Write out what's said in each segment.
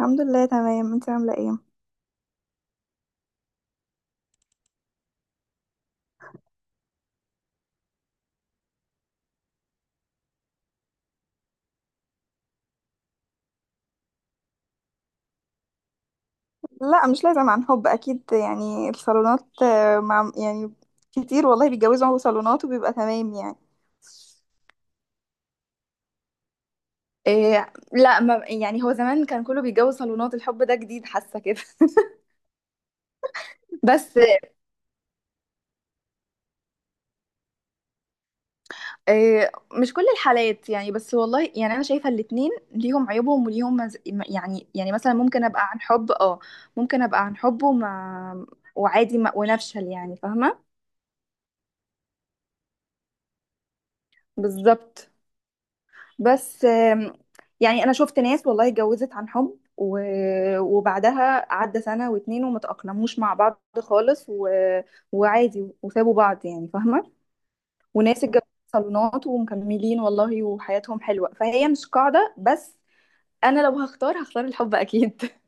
الحمد لله، تمام. انت عامله ايه؟ لا، مش لازم عن حب اكيد. يعني الصالونات، مع يعني كتير والله بيتجوزوا هو صالونات وبيبقى تمام يعني. إيه، لا ما يعني، هو زمان كان كله بيتجوز صالونات. الحب ده جديد، حاسه كده. بس إيه، مش كل الحالات يعني. بس والله يعني انا شايفه الاتنين ليهم عيوبهم وليهم يعني مثلا ممكن ابقى عن حب، اه. ممكن ابقى عن حب وعادي ما... ونفشل، يعني فاهمه. بالظبط. بس، يعني انا شفت ناس والله اتجوزت عن حب وبعدها عدى سنة واتنين وما تأقلموش مع بعض خالص وعادي وسابوا بعض، يعني فاهمة. وناس اتجوزت صالونات ومكملين والله وحياتهم حلوة، فهي مش قاعدة. بس انا لو هختار الحب اكيد.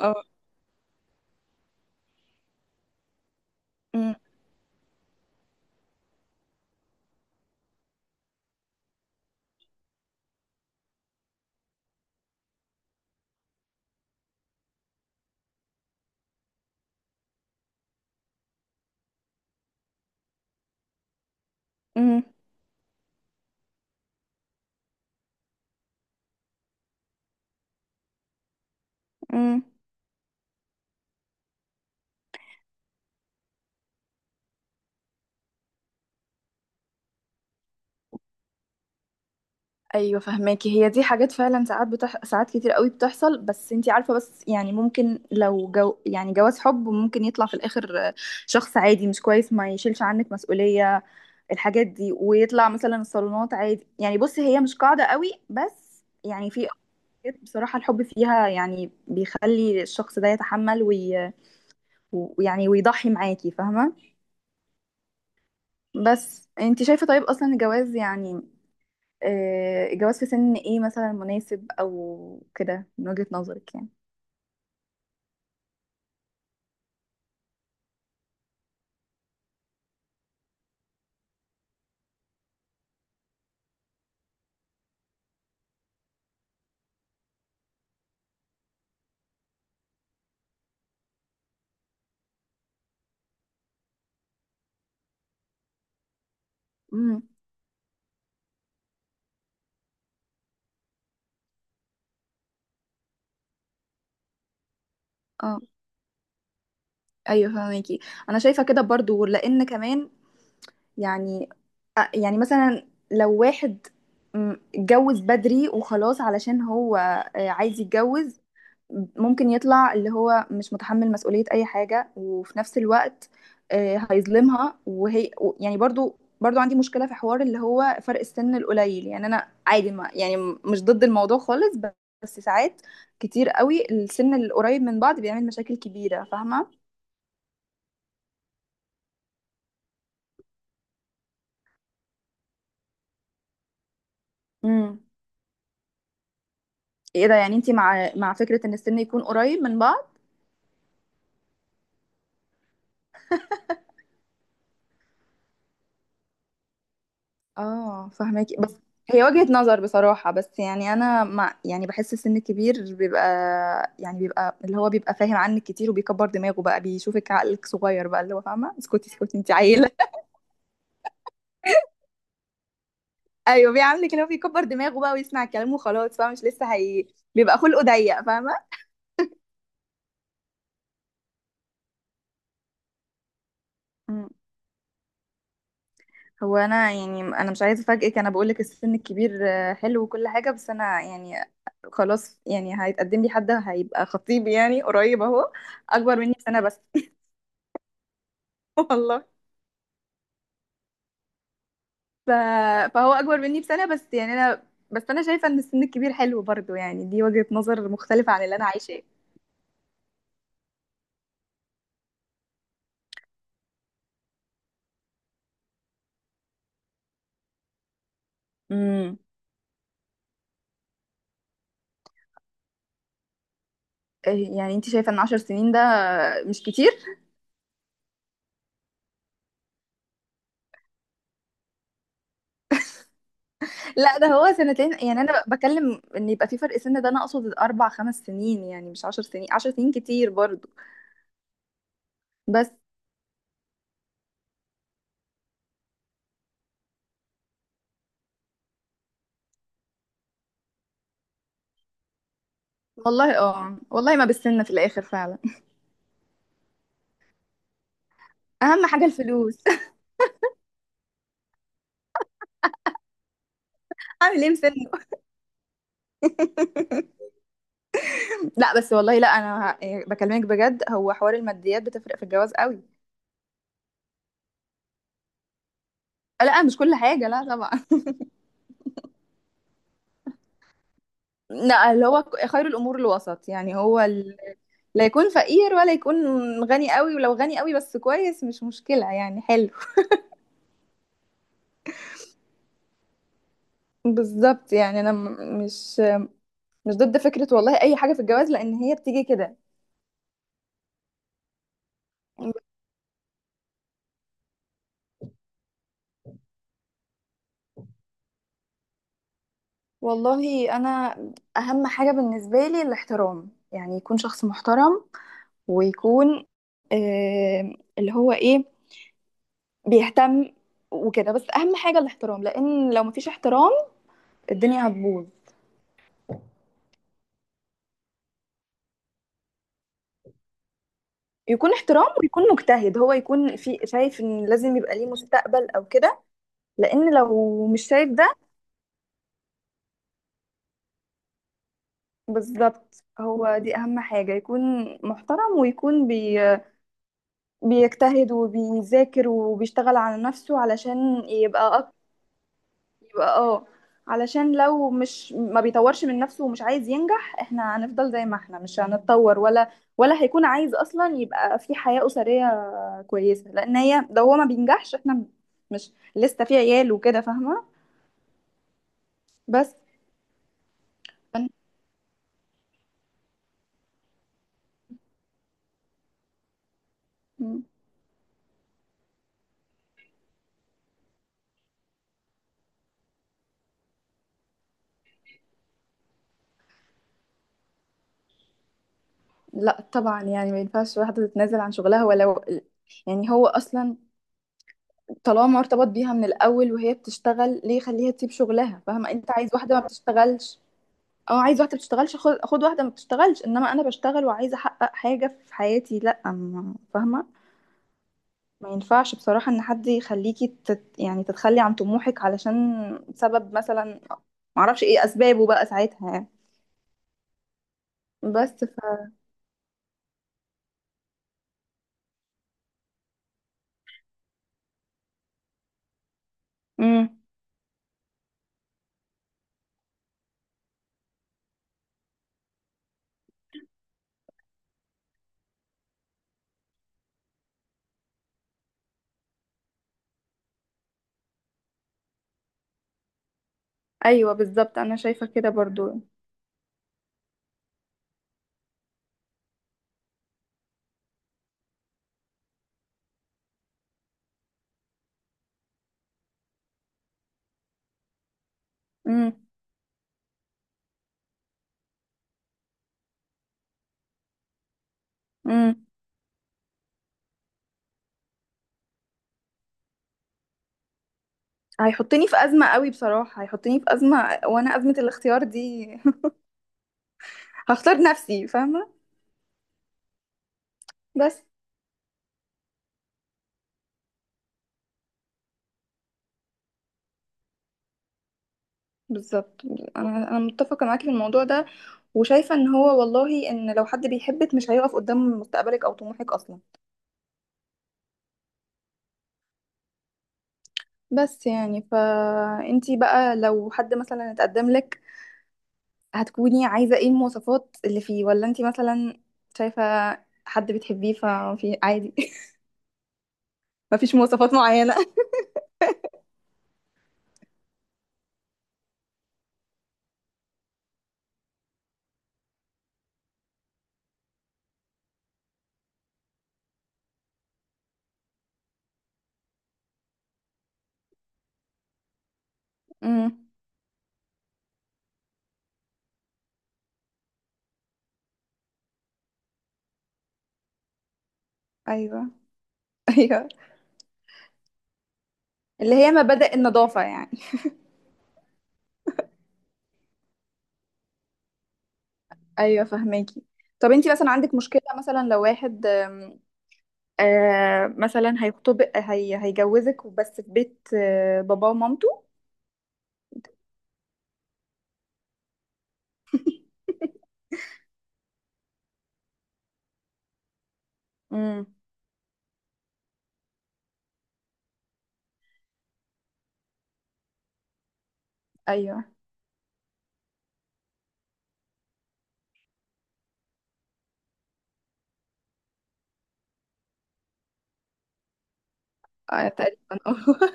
اه. أم. أم. أم. ايوه فهماكي، هي دي حاجات فعلا. ساعات ساعات كتير قوي بتحصل، بس انتي عارفه. بس يعني ممكن لو يعني جواز حب ممكن يطلع في الاخر شخص عادي مش كويس ما يشيلش عنك مسؤوليه الحاجات دي، ويطلع مثلا الصالونات عادي. يعني بصي، هي مش قاعده قوي، بس يعني في حاجات بصراحه الحب فيها يعني بيخلي الشخص ده يتحمل ويعني ويضحي معاكي، فاهمه. بس انتي شايفه، طيب اصلا الجواز يعني، الجواز في سن ايه مثلا مناسب او كده من وجهة نظرك يعني؟ امم. اه. ايوه فهميكي. انا شايفة كده برضو، لان كمان يعني يعني مثلا لو واحد اتجوز بدري وخلاص علشان هو عايز يتجوز، ممكن يطلع اللي هو مش متحمل مسؤولية أي حاجة، وفي نفس الوقت هيظلمها. وهي يعني برضو عندي مشكلة في حوار اللي هو فرق السن القليل. يعني أنا عادي، ما يعني مش ضد الموضوع خالص، بس ساعات كتير قوي السن القريب من بعض بيعمل مشاكل كبيرة، فاهمة؟ امم. ايه ده، يعني انتي مع فكرة ان السن يكون قريب من بعض؟ اه فاهمك. بس هي وجهة نظر بصراحة. بس يعني انا مع، يعني بحس السن الكبير يعني بيبقى اللي هو بيبقى فاهم عنك كتير، وبيكبر دماغه بقى، بيشوفك عقلك صغير بقى، اللي هو فاهمة اسكتي اسكتي انت عيلة. ايوه بيعاملك اللي هو بيكبر دماغه بقى، ويسمع الكلام وخلاص، فاهمة؟ مش لسه هي، بيبقى خلقه ضيق، فاهمة. مم. هو يعني انا مش عايزة افاجئك، انا بقول لك السن الكبير حلو وكل حاجة. بس انا يعني خلاص، يعني هيتقدم لي حد هيبقى خطيبي يعني قريب اهو، اكبر مني بسنة بس. والله. ف... فهو اكبر مني بسنه بس. يعني انا، بس انا شايفه ان السن الكبير حلو برضو، يعني دي وجهه نظر مختلفه عن اللي انا عايشاه. امم. إيه، يعني انت شايفه ان 10 سنين ده مش كتير؟ لا، ده هو 2 سنين. يعني انا بكلم ان يبقى في فرق سن ده، انا اقصد اربع خمس سنين، يعني مش 10 سنين. 10 سنين كتير برضو. بس والله، اه والله، ما بالسن في الاخر فعلا. اهم حاجه الفلوس. اعمل ايه مسنه؟ لا بس والله، لا انا يعني بكلمك بجد، هو حوار الماديات بتفرق في الجواز قوي. لا، مش كل حاجه، لا طبعا. لا، اللي هو خير الامور الوسط يعني. هو لا يكون فقير ولا يكون غني قوي. ولو غني قوي بس كويس مش مشكلة، يعني حلو. بالظبط. يعني انا مش ضد فكرة والله اي حاجة في الجواز، لان هي بتيجي كده. والله انا، اهم حاجة بالنسبة لي الاحترام. يعني يكون شخص محترم، ويكون اللي هو ايه، بيهتم وكده. بس اهم حاجة الاحترام، لان لو مفيش احترام الدنيا هتبوظ. يكون احترام، ويكون مجتهد، هو يكون في شايف ان لازم يبقى ليه مستقبل او كده، لان لو مش شايف ده. بالظبط، هو دي اهم حاجة. يكون محترم ويكون بيجتهد وبيذاكر وبيشتغل على نفسه علشان يبقى يبقى اه. علشان لو مش ما بيطورش من نفسه ومش عايز ينجح، احنا هنفضل زي ما احنا، مش هنتطور، ولا هيكون عايز اصلا يبقى في حياة أسرية كويسة. لان هي، لو هو ما بينجحش، احنا مش لسه في عيال وكده، فاهمة. بس. فن- م. لا طبعا، يعني ما ينفعش واحدة تتنازل عن شغلها. ولو يعني هو اصلا، طالما ارتبط بيها من الاول وهي بتشتغل، ليه يخليها تسيب شغلها؟ فاهمة، انت عايز واحدة ما بتشتغلش؟ اه، عايز واحده بتشتغلش؟ خد خد واحده ما بتشتغلش. انما انا بشتغل وعايزه احقق حاجه في حياتي، لا فاهمه. ما ينفعش بصراحه ان حد يخليكي يعني تتخلي عن طموحك علشان سبب مثلا، معرفش ايه اسبابه بقى ساعتها يعني. بس. امم. ايوه بالظبط، انا شايفه كده برضو. امم. امم. هيحطني في ازمه قوي بصراحه، هيحطني في ازمه، وانا ازمه الاختيار دي. هختار نفسي، فاهمه. بس، بالظبط، انا متفقه معاكي في الموضوع ده. وشايفه ان هو والله، ان لو حد بيحبك مش هيقف قدام مستقبلك او طموحك اصلا. بس يعني، فانتي بقى لو حد مثلا اتقدم لك، هتكوني عايزه ايه المواصفات اللي فيه؟ ولا انتي مثلا شايفه حد بتحبيه ففي عادي؟ مفيش مواصفات معينه. امم. ايوه. ايوه، اللي هي مبادئ النظافه يعني. ايوه فهماكي. طب انتي مثلا عندك مشكله، مثلا لو واحد مثلا هيخطب هيجوزك، بس في بيت باباه ومامته؟ امم. ايوه. آه تقريبا. اه.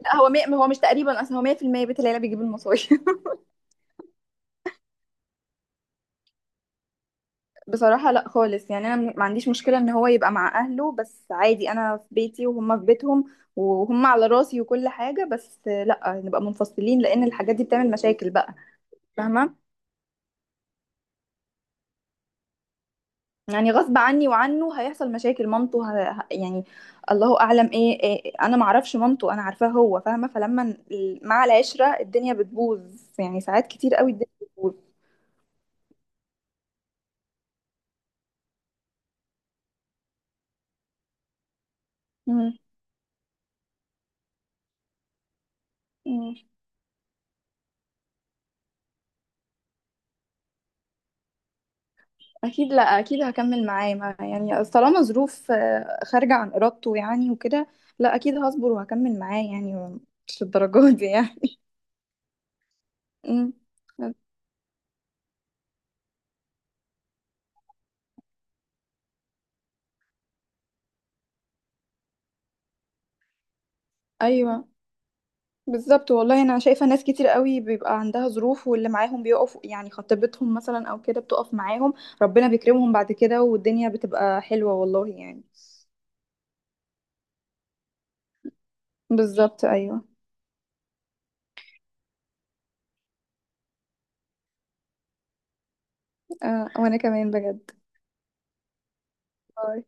لا، هو هو مش تقريبا اصلا، هو 100% بيت العيله بيجيب المصاري. بصراحه لا خالص. يعني انا ما عنديش مشكله ان هو يبقى مع اهله، بس عادي انا في بيتي وهم في بيتهم، وهم على راسي وكل حاجه. بس لا، نبقى منفصلين، لان الحاجات دي بتعمل مشاكل بقى، فاهمه. يعني غصب عني وعنه هيحصل مشاكل. مامته يعني الله اعلم ايه, انا معرفش مامته، انا عارفاه هو، فاهمه. فلما مع العشره الدنيا بتبوظ. يعني ساعات كتير قوي الدنيا بتبوظ. مم. مم. اكيد، لا اكيد هكمل معاه. يعني طالما ظروف خارجه عن ارادته يعني وكده. لا اكيد هصبر وهكمل معاه، يعني مش الدرجات دي يعني. مم. ايوه بالظبط والله، انا شايفه ناس كتير قوي بيبقى عندها ظروف، واللي معاهم بيقف، يعني خطيبتهم مثلا او كده بتقف معاهم. ربنا بيكرمهم بعد كده، والدنيا بتبقى حلوه والله يعني. بالظبط ايوه. آه، وانا كمان بجد. باي.